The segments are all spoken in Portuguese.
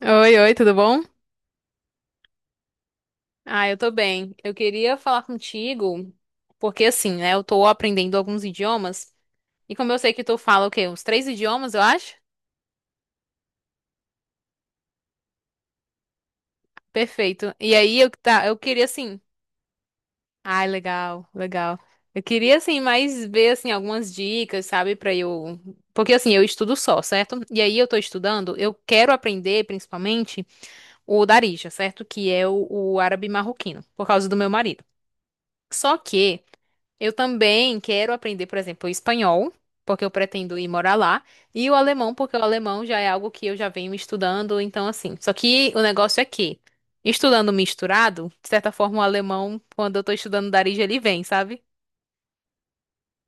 Oi, oi, tudo bom? Ah, eu tô bem. Eu queria falar contigo, porque assim, né, eu tô aprendendo alguns idiomas, e como eu sei que tu fala o quê? Uns três idiomas, eu acho? Perfeito. E aí eu queria assim. Ai, legal, legal. Eu queria assim mais ver assim algumas dicas, sabe, pra eu, porque assim, eu estudo só, certo? E aí eu tô estudando, eu quero aprender principalmente o Darija, certo? Que é o árabe marroquino, por causa do meu marido. Só que eu também quero aprender, por exemplo, o espanhol, porque eu pretendo ir morar lá, e o alemão, porque o alemão já é algo que eu já venho estudando, então assim. Só que o negócio é que, estudando misturado, de certa forma o alemão, quando eu tô estudando Darija, ele vem, sabe?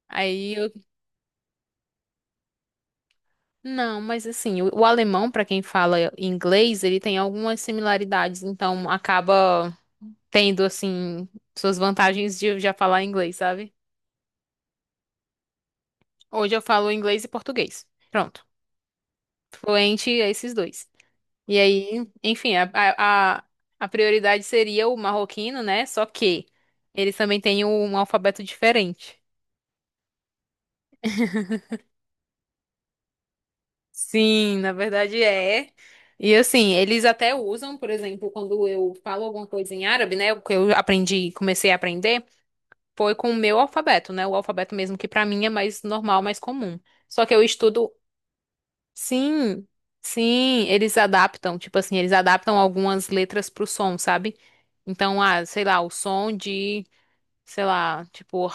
Aí eu. Não, mas assim, o alemão, pra quem fala inglês, ele tem algumas similaridades, então acaba tendo, assim, suas vantagens de eu já falar inglês, sabe? Hoje eu falo inglês e português. Pronto. Fluente a esses dois. E aí, enfim, a prioridade seria o marroquino, né? Só que eles também têm um alfabeto diferente. Sim, na verdade é. E assim, eles até usam, por exemplo, quando eu falo alguma coisa em árabe, né? O que eu aprendi, comecei a aprender, foi com o meu alfabeto, né? O alfabeto mesmo que pra mim é mais normal, mais comum. Só que eu estudo. Sim, sim, eles adaptam. Tipo assim, eles adaptam algumas letras pro som, sabe? Então, ah, sei lá, o som de. Sei lá, tipo,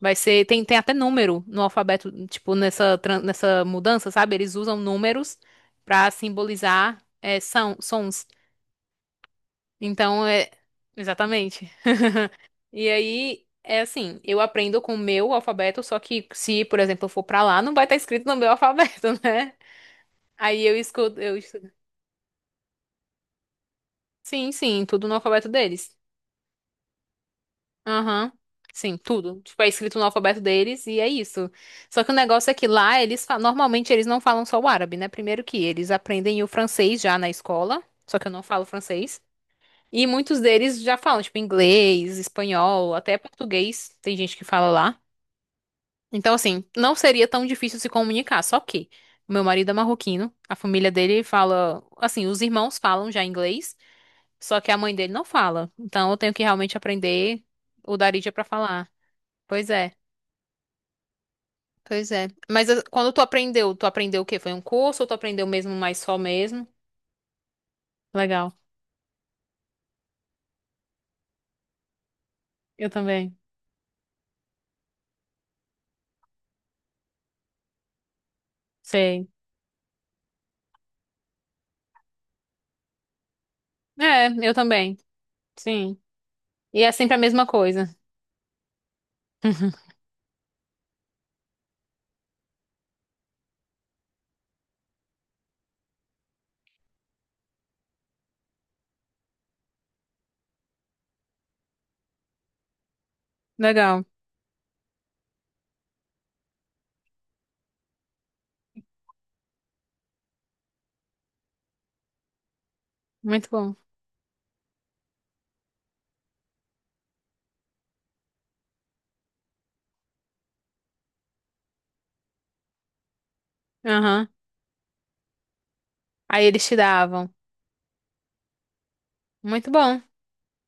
vai ser, tem, tem até número no alfabeto, tipo, nessa, nessa mudança, sabe? Eles usam números pra simbolizar é, são, sons. Então, é, exatamente. E aí, é assim, eu aprendo com o meu alfabeto, só que se, por exemplo, eu for pra lá, não vai estar escrito no meu alfabeto, né? Aí eu escuto, eu estudo. Sim, sim, tudo no alfabeto deles. Aham. Sim, tudo. Tipo, é escrito no alfabeto deles e é isso. Só que o negócio é que lá eles normalmente eles não falam só o árabe, né? Primeiro que eles aprendem o francês já na escola, só que eu não falo francês. E muitos deles já falam, tipo, inglês, espanhol, até português, tem gente que fala lá. Então, assim, não seria tão difícil se comunicar, só que o meu marido é marroquino, a família dele fala, assim, os irmãos falam já inglês, só que a mãe dele não fala. Então, eu tenho que realmente aprender o Darija pra falar. Pois é, pois é. Mas quando tu aprendeu o quê? Foi um curso ou tu aprendeu mesmo mais só mesmo? Legal. Eu também. Sei. É, eu também. Sim. E é sempre a mesma coisa. Legal. Muito bom. Aham. Aí eles te davam. Muito bom.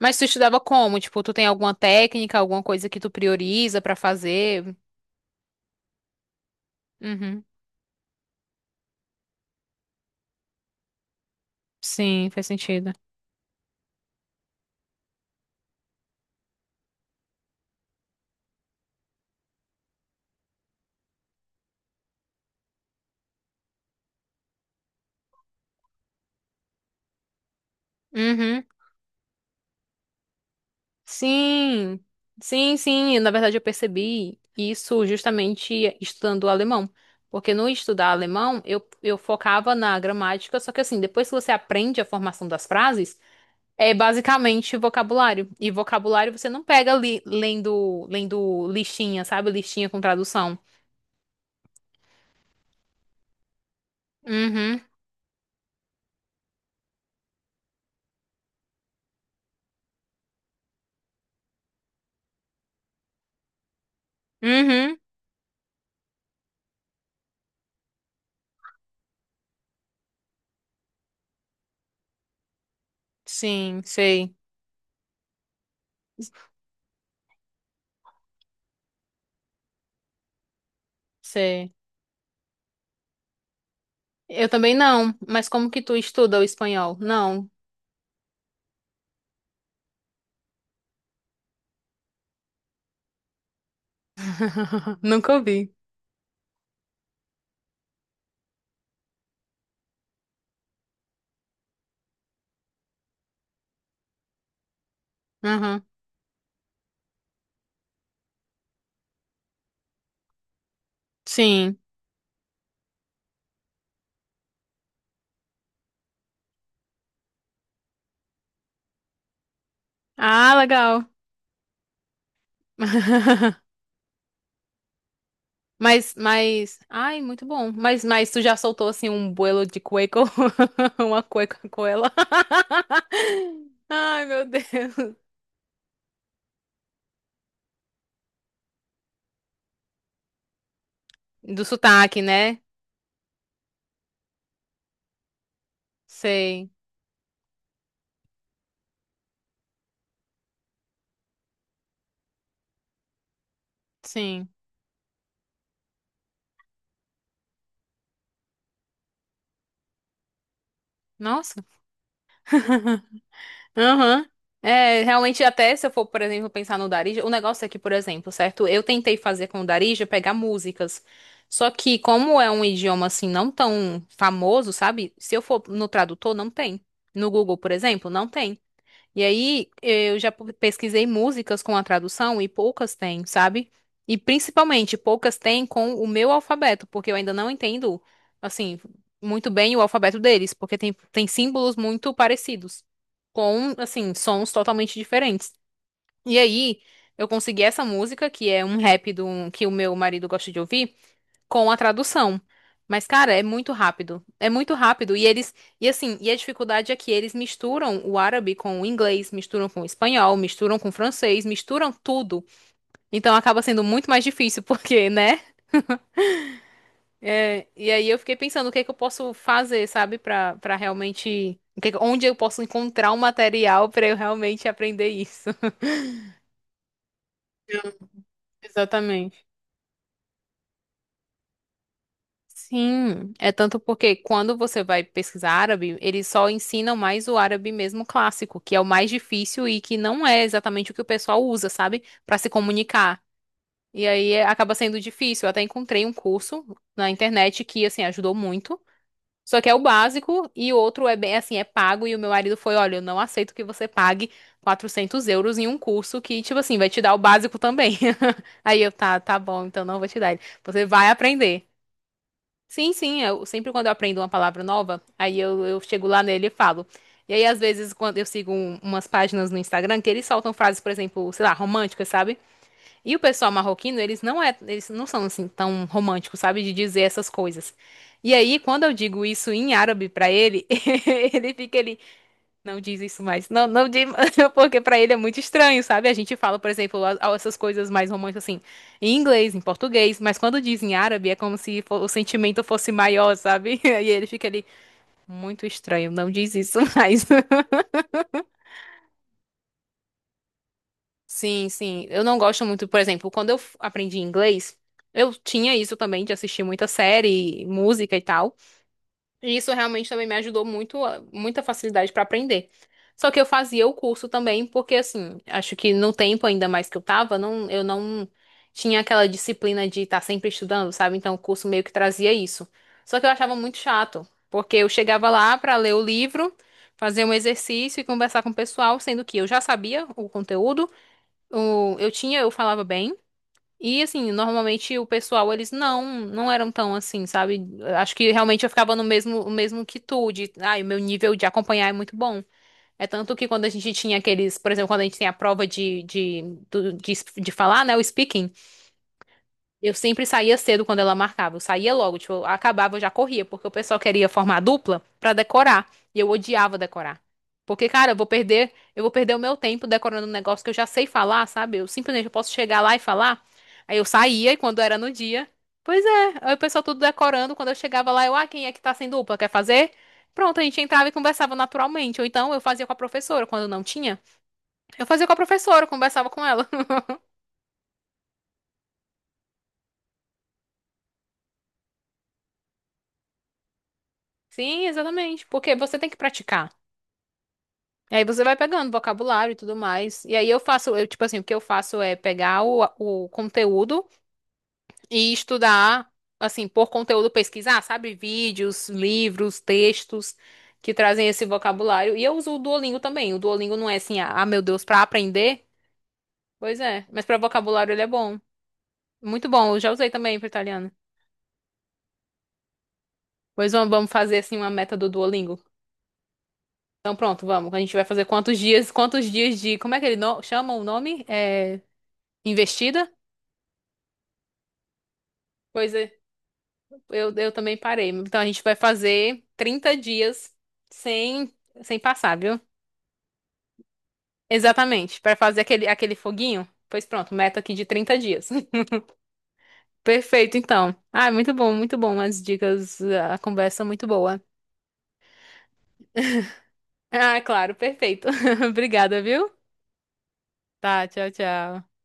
Mas tu estudava como? Tipo, tu tem alguma técnica, alguma coisa que tu prioriza pra fazer? Uhum. Sim, faz sentido. Uhum. Sim, sim, sim. Na verdade, eu percebi isso justamente estudando o alemão. Porque no estudar alemão, eu focava na gramática, só que assim, depois que você aprende a formação das frases, é basicamente vocabulário. E vocabulário você não pega ali lendo, lendo listinha, sabe? Listinha com tradução. Uhum, uhum. Sim, sei, sei. Eu também não, mas como que tu estuda o espanhol? Não, nunca ouvi. Uhum, sim. Ah, legal. Ai, muito bom. Mas tu já soltou assim um buelo de cueco, uma cueca com ela. Ai, meu Deus. Do sotaque, né? Sei. Sim. Nossa. Aham. É, realmente, até se eu for, por exemplo, pensar no Darija, o negócio é que, por exemplo, certo? Eu tentei fazer com o Darija pegar músicas. Só que, como é um idioma assim não tão famoso, sabe? Se eu for no tradutor, não tem. No Google, por exemplo, não tem. E aí, eu já pesquisei músicas com a tradução e poucas têm, sabe? E principalmente, poucas têm com o meu alfabeto, porque eu ainda não entendo, assim, muito bem o alfabeto deles, porque tem símbolos muito parecidos, com, assim, sons totalmente diferentes. E aí, eu consegui essa música, que é um rap que o meu marido gosta de ouvir com a tradução. Mas, cara, é muito rápido. É muito rápido. E eles. E assim, e a dificuldade é que eles misturam o árabe com o inglês, misturam com o espanhol, misturam com o francês, misturam tudo. Então acaba sendo muito mais difícil, porque, né? É, e aí eu fiquei pensando o que é que eu posso fazer, sabe, pra realmente. O que onde eu posso encontrar um material pra eu realmente aprender isso. Exatamente. Sim, é tanto porque quando você vai pesquisar árabe, eles só ensinam mais o árabe mesmo clássico, que é o mais difícil e que não é exatamente o que o pessoal usa, sabe? Pra se comunicar. E aí acaba sendo difícil. Eu até encontrei um curso na internet que, assim, ajudou muito. Só que é o básico e o outro é bem, assim, é pago. E o meu marido foi: olha, eu não aceito que você pague €400 em um curso que, tipo assim, vai te dar o básico também. Aí eu, tá, tá bom, então não vou te dar. Você vai aprender. Sim, sim, eu sempre quando eu aprendo uma palavra nova, aí eu chego lá nele e falo. E aí, às vezes, quando eu sigo umas páginas no Instagram que eles soltam frases, por exemplo, sei lá, românticas, sabe? E o pessoal marroquino, eles não são assim tão românticos, sabe, de dizer essas coisas. E aí, quando eu digo isso em árabe pra ele, ele não diz isso mais. Não, não diz, porque pra ele é muito estranho, sabe? A gente fala, por exemplo, essas coisas mais românticas assim, em inglês, em português, mas quando diz em árabe é como se o sentimento fosse maior, sabe? E ele fica ali, muito estranho, não diz isso mais. Sim, sim. Eu não gosto muito, por exemplo, quando eu aprendi inglês, eu tinha isso também de assistir muita série, música e tal. E isso realmente também me ajudou muito, muita facilidade para aprender. Só que eu fazia o curso também, porque assim, acho que no tempo ainda mais que eu tava, não, eu não tinha aquela disciplina de estar sempre estudando, sabe? Então o curso meio que trazia isso. Só que eu achava muito chato, porque eu chegava lá para ler o livro, fazer um exercício e conversar com o pessoal, sendo que eu já sabia o conteúdo, eu tinha, eu falava bem. E assim, normalmente o pessoal, eles não, não eram tão assim, sabe? Acho que realmente eu ficava no mesmo, o mesmo que tu, de, ai, o meu nível de acompanhar é muito bom. É tanto que quando a gente tinha aqueles, por exemplo, quando a gente tem a prova de falar, né, o speaking, eu sempre saía cedo quando ela marcava. Eu saía logo, tipo, eu acabava, eu já corria, porque o pessoal queria formar dupla pra decorar. E eu odiava decorar. Porque, cara, eu vou perder o meu tempo decorando um negócio que eu já sei falar, sabe? Eu posso chegar lá e falar. Aí eu saía e quando era no dia, pois é, aí o pessoal tudo decorando, quando eu chegava lá, eu, ah, quem é que tá sem dupla, quer fazer? Pronto, a gente entrava e conversava naturalmente. Ou então eu fazia com a professora, quando não tinha. Eu fazia com a professora, conversava com ela. Sim, exatamente. Porque você tem que praticar. E aí você vai pegando vocabulário e tudo mais. E aí eu faço, eu, tipo assim, o que eu faço é pegar o conteúdo e estudar, assim, por conteúdo pesquisar, sabe? Vídeos, livros, textos que trazem esse vocabulário. E eu uso o Duolingo também. O Duolingo não é assim, ah, ah, meu Deus, pra aprender? Pois é, mas pra vocabulário ele é bom. Muito bom, eu já usei também pro italiano. Pois vamos, vamos fazer assim uma meta do Duolingo. Então pronto, vamos. A gente vai fazer quantos dias de, como é que ele chama o nome? É, investida? Pois é. Eu também parei. Então a gente vai fazer 30 dias sem, sem passar, viu? Exatamente, para fazer aquele foguinho. Pois pronto, meta aqui de 30 dias. Perfeito, então. Ah, muito bom as dicas, a conversa muito boa. Ah, claro, perfeito. Obrigada, viu? Tá, tchau, tchau.